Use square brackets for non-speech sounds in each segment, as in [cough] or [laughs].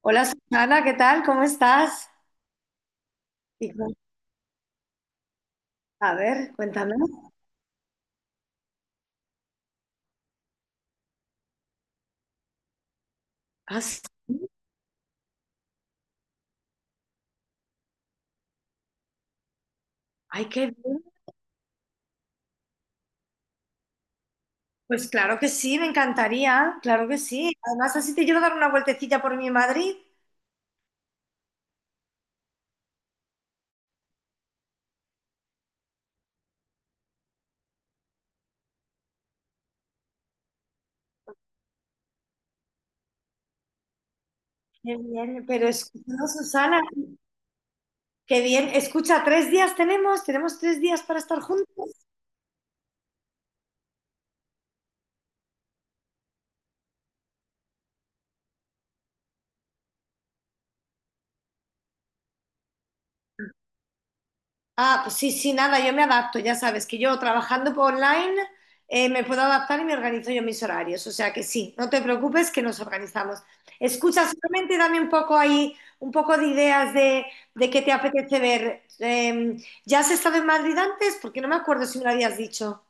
Hola Susana, ¿qué tal? ¿Cómo estás? Y cu- a ver, cuéntame. Ah, sí. Ay, qué bien. Pues claro que sí, me encantaría, claro que sí. Además, así te quiero dar una vueltecilla por mi Madrid. Qué bien, pero escucha, no, Susana, qué bien. Escucha, 3 días tenemos 3 días para estar juntos. Ah, pues sí, sí, nada, yo me adapto, ya sabes que yo trabajando por online me puedo adaptar y me organizo yo mis horarios, o sea que sí, no te preocupes que nos organizamos. Escucha, solamente dame un poco ahí, un poco de ideas de qué te apetece ver. ¿Ya has estado en Madrid antes? Porque no me acuerdo si me lo habías dicho.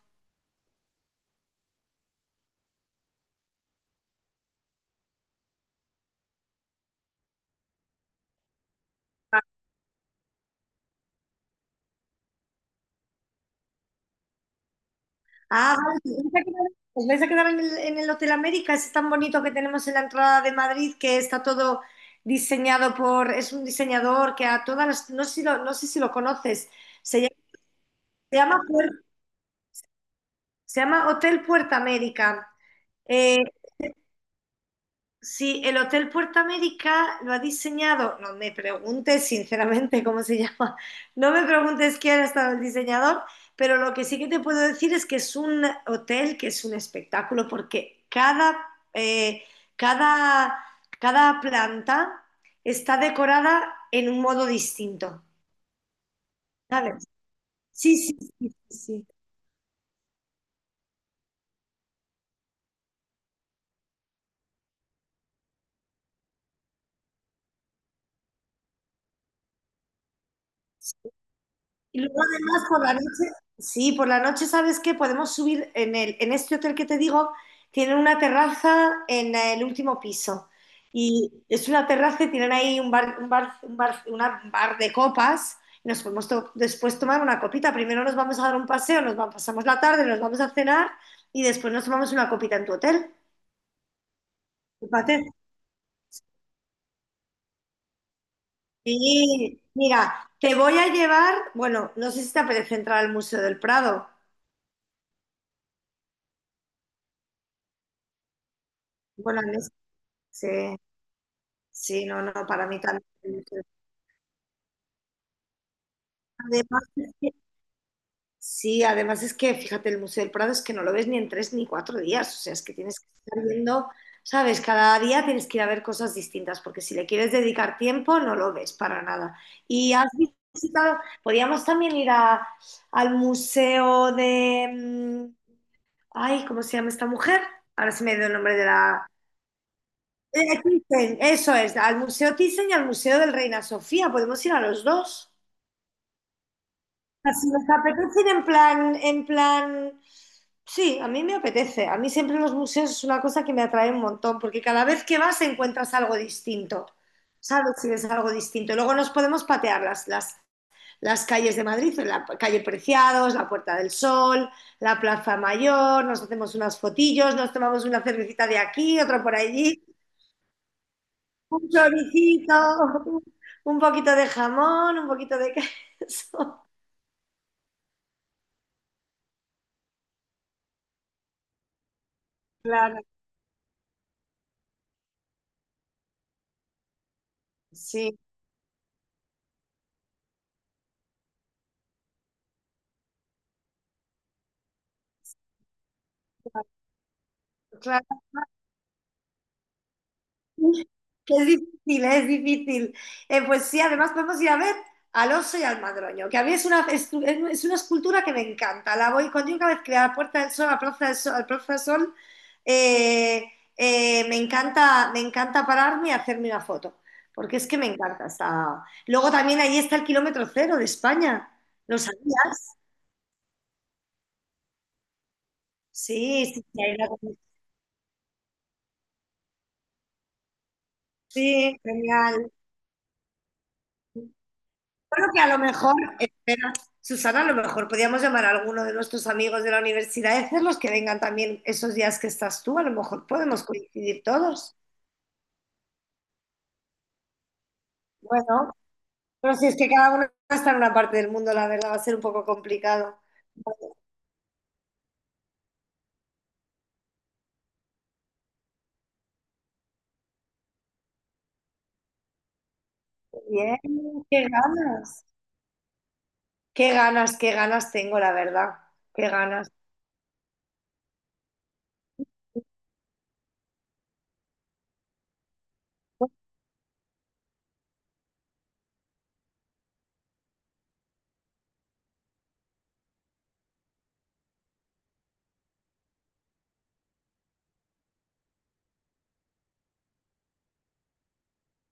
Ah, vale. ¿Os vais a quedar en el Hotel América? Ese tan bonito que tenemos en la entrada de Madrid, que está todo diseñado por, es un diseñador que a todas las, no sé si lo conoces, se llama, se llama Puer- se llama Hotel Puerta América. Eh, Sí, el Hotel Puerto América lo ha diseñado, no me preguntes sinceramente cómo se [laughs] llama, no me preguntes quién ha estado el diseñador, pero lo que sí que te puedo decir es que es un hotel que es un espectáculo porque eh, cada, cada planta está decorada en un modo distinto, ¿sabes? Sí, sí, sí, sí. Sí. Y luego además por la noche, ¿sabes qué? Podemos subir en este hotel que te digo, tienen una terraza en el último piso. Y es una terraza, y tienen ahí una bar de copas. Y nos podemos después tomar una copita. Primero nos vamos a dar un paseo, pasamos la tarde, nos vamos a cenar y después nos tomamos una copita en tu hotel. ¿Te parece? Sí, mira, te voy a llevar, bueno, no sé si te apetece entrar al Museo del Prado. Bueno, no sé. Sí, no, no, para mí también. Además, sí, además es que, fíjate, el Museo del Prado es que no lo ves ni en tres ni cuatro días, o sea, es que tienes que estar viendo, ¿sabes? Cada día tienes que ir a ver cosas distintas, porque si le quieres dedicar tiempo, no lo ves para nada. Y has visitado, podríamos también al museo de, ay, ¿cómo se llama esta mujer? Ahora se me dio el nombre de la... Thyssen, eso es, al Museo Thyssen y al Museo del Reina Sofía, podemos ir a los dos. Si les apetece ir en plan, sí, a mí me apetece. A mí siempre los museos es una cosa que me atrae un montón, porque cada vez que vas encuentras algo distinto. ¿Sabes si ves algo distinto? Y luego nos podemos patear las calles de Madrid, la calle Preciados, la Puerta del Sol, la Plaza Mayor, nos hacemos unas fotillos, nos tomamos una cervecita de aquí, otra por allí, un choricito, un poquito de jamón, un poquito de queso. [laughs] Claro, sí, claro. Es difícil, es difícil. Pues sí, además podemos ir a ver al oso y al madroño, que a mí es una escultura que me encanta. La voy cuando yo cada vez que voy a la Puerta del Sol, a la Plaza del Sol, al Plaza del Sol, eh, me encanta pararme y hacerme una foto, porque es que me encanta. Luego también ahí está el kilómetro cero de España. ¿Lo sabías? Sí, sí, sí, sí, genial. Creo que a lo mejor, espera, Susana, a lo mejor podríamos llamar a alguno de nuestros amigos de la universidad y hacerlos que vengan también esos días que estás tú. A lo mejor podemos coincidir todos. Bueno, pero si es que cada uno está en una parte del mundo, la verdad, va a ser un poco complicado. Muy bien, qué ganas, qué ganas, qué ganas tengo, la verdad, qué ganas.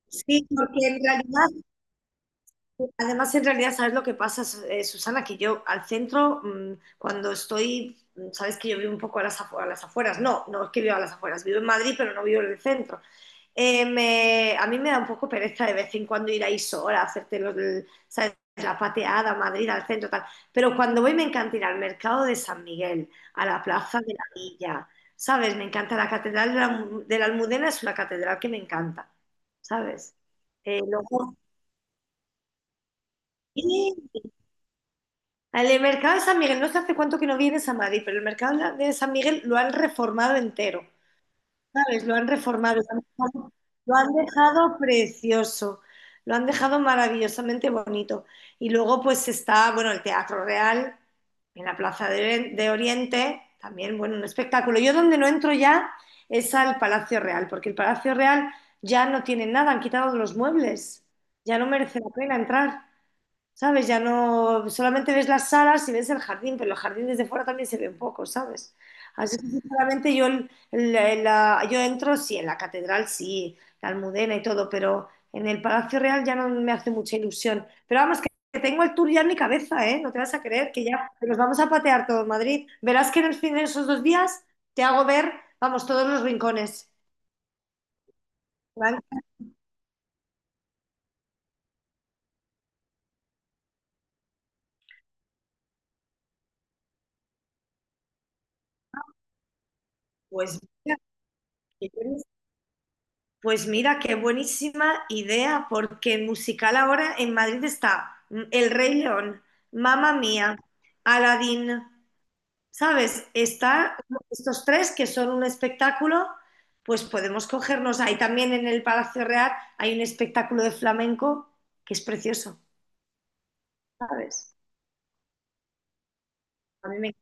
Sí, porque en realidad Además, en realidad, ¿sabes lo que pasa, Susana? Que yo al centro, cuando estoy, sabes que yo vivo un poco a las afueras, no, no es que vivo a las afueras, vivo en Madrid, pero no vivo en el centro. A mí me da un poco pereza de vez en cuando ir ahí sola hacerte ¿sabes? La pateada, a Madrid, al centro, tal. Pero cuando voy me encanta ir al mercado de San Miguel, a la plaza de la Villa, ¿sabes? Me encanta la catedral de la Almudena, es una catedral que me encanta, ¿sabes? Eh, luego- El mercado de San Miguel, no sé hace cuánto que no vienes a Madrid, pero el mercado de San Miguel lo han reformado entero, ¿sabes? Lo han reformado, lo han dejado precioso, lo han dejado maravillosamente bonito. Y luego pues está, bueno, el Teatro Real en la Plaza de, de Oriente, también, bueno, un espectáculo. Yo donde no entro ya es al Palacio Real, porque el Palacio Real ya no tiene nada, han quitado los muebles, ya no merece la pena entrar. ¿Sabes? Ya no, solamente ves las salas y ves el jardín, pero el jardín desde fuera también se ve un poco, ¿sabes? Así que sinceramente yo, yo entro, sí, en la catedral, sí, la Almudena y todo, pero en el Palacio Real ya no me hace mucha ilusión. Pero vamos, que tengo el tour ya en mi cabeza, ¿eh? No te vas a creer que ya que nos vamos a patear todo Madrid. Verás que en el fin de esos 2 días te hago ver, vamos, todos los rincones. Frank, Pues mira, Pues mira, qué buenísima idea, porque en musical ahora en Madrid está El Rey León, Mamma Mía, Aladdin, ¿sabes? Está estos tres que son un espectáculo, pues podemos cogernos ahí también en el Palacio Real hay un espectáculo de flamenco que es precioso, ¿sabes? A mí me-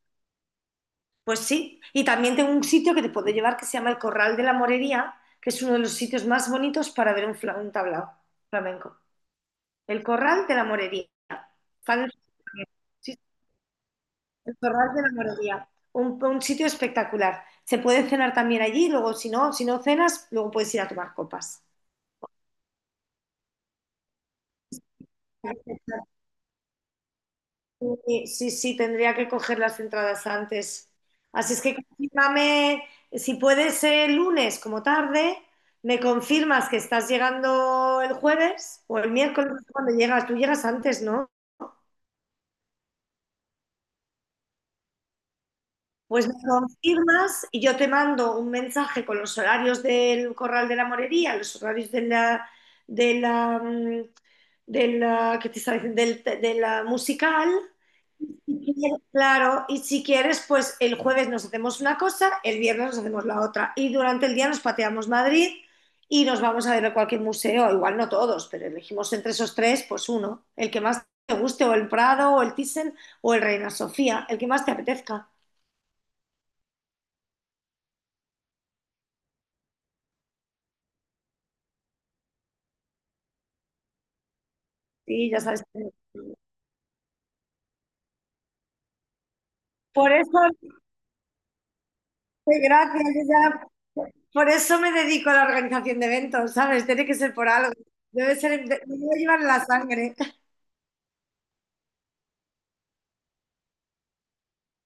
Pues sí, y también tengo un sitio que te puedo llevar que se llama el Corral de la Morería, que es uno de los sitios más bonitos para ver un, un tablao flamenco. El Corral de la Morería. Del Ferrer. Sí, el Torral de la Morería. Un sitio espectacular. Se puede cenar también allí, luego si no, si no cenas, luego puedes ir a tomar copas. Sí, sí, sí, tendría que coger las entradas antes. Así es que confírmame, si puedes el lunes como tarde, me confirmas que estás llegando el jueves o el miércoles cuando llegas. Tú llegas antes, ¿no? Pues me confirmas y yo te mando un mensaje con los horarios del Corral de la Morería, los horarios de la, mm, de la, ¿qué te estaba diciendo? De la musical. Y si quieres... Claro, y si quieres, pues el jueves nos hacemos una cosa, el viernes nos hacemos la otra. Y durante el día nos pateamos Madrid y nos vamos a ver a cualquier museo, igual no todos, pero elegimos entre esos tres, pues uno, el que más te guste, o el Prado, o el Thyssen, o el Reina Sofía, el que más te apetezca. Sí, ya sabes. Por eso, sí, gracias, ya... Por eso me dedico a la organización de eventos, ¿sabes? Tiene que ser por algo. Debe ser, me debe llevar en la sangre.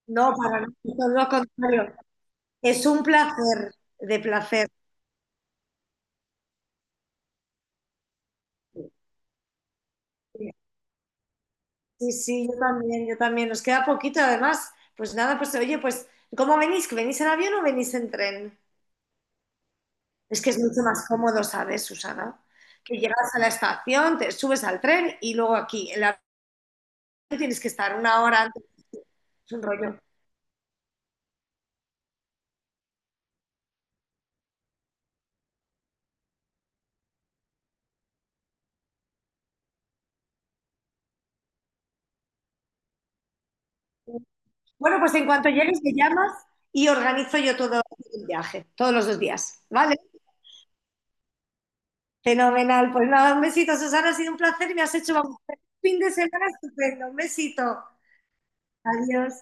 No, para nada, todo lo contrario. Es un placer, de placer. Sí, sí, yo también, yo también. Nos queda poquito, además. Pues nada, pues oye, pues, ¿cómo venís? ¿Que venís en avión o venís en tren? Es que es mucho más cómodo, ¿sabes, Susana? Que llegas a la estación, te subes al tren y luego aquí. En la tienes que estar 1 hora antes. Es un rollo. Bueno, pues en cuanto llegues me llamas y organizo yo todo el viaje, todos los 2 días, ¿vale? Fenomenal. Pues nada, un besito, Susana, ha sido un placer y me has hecho vamos, un fin de semana estupendo. Un besito. Adiós.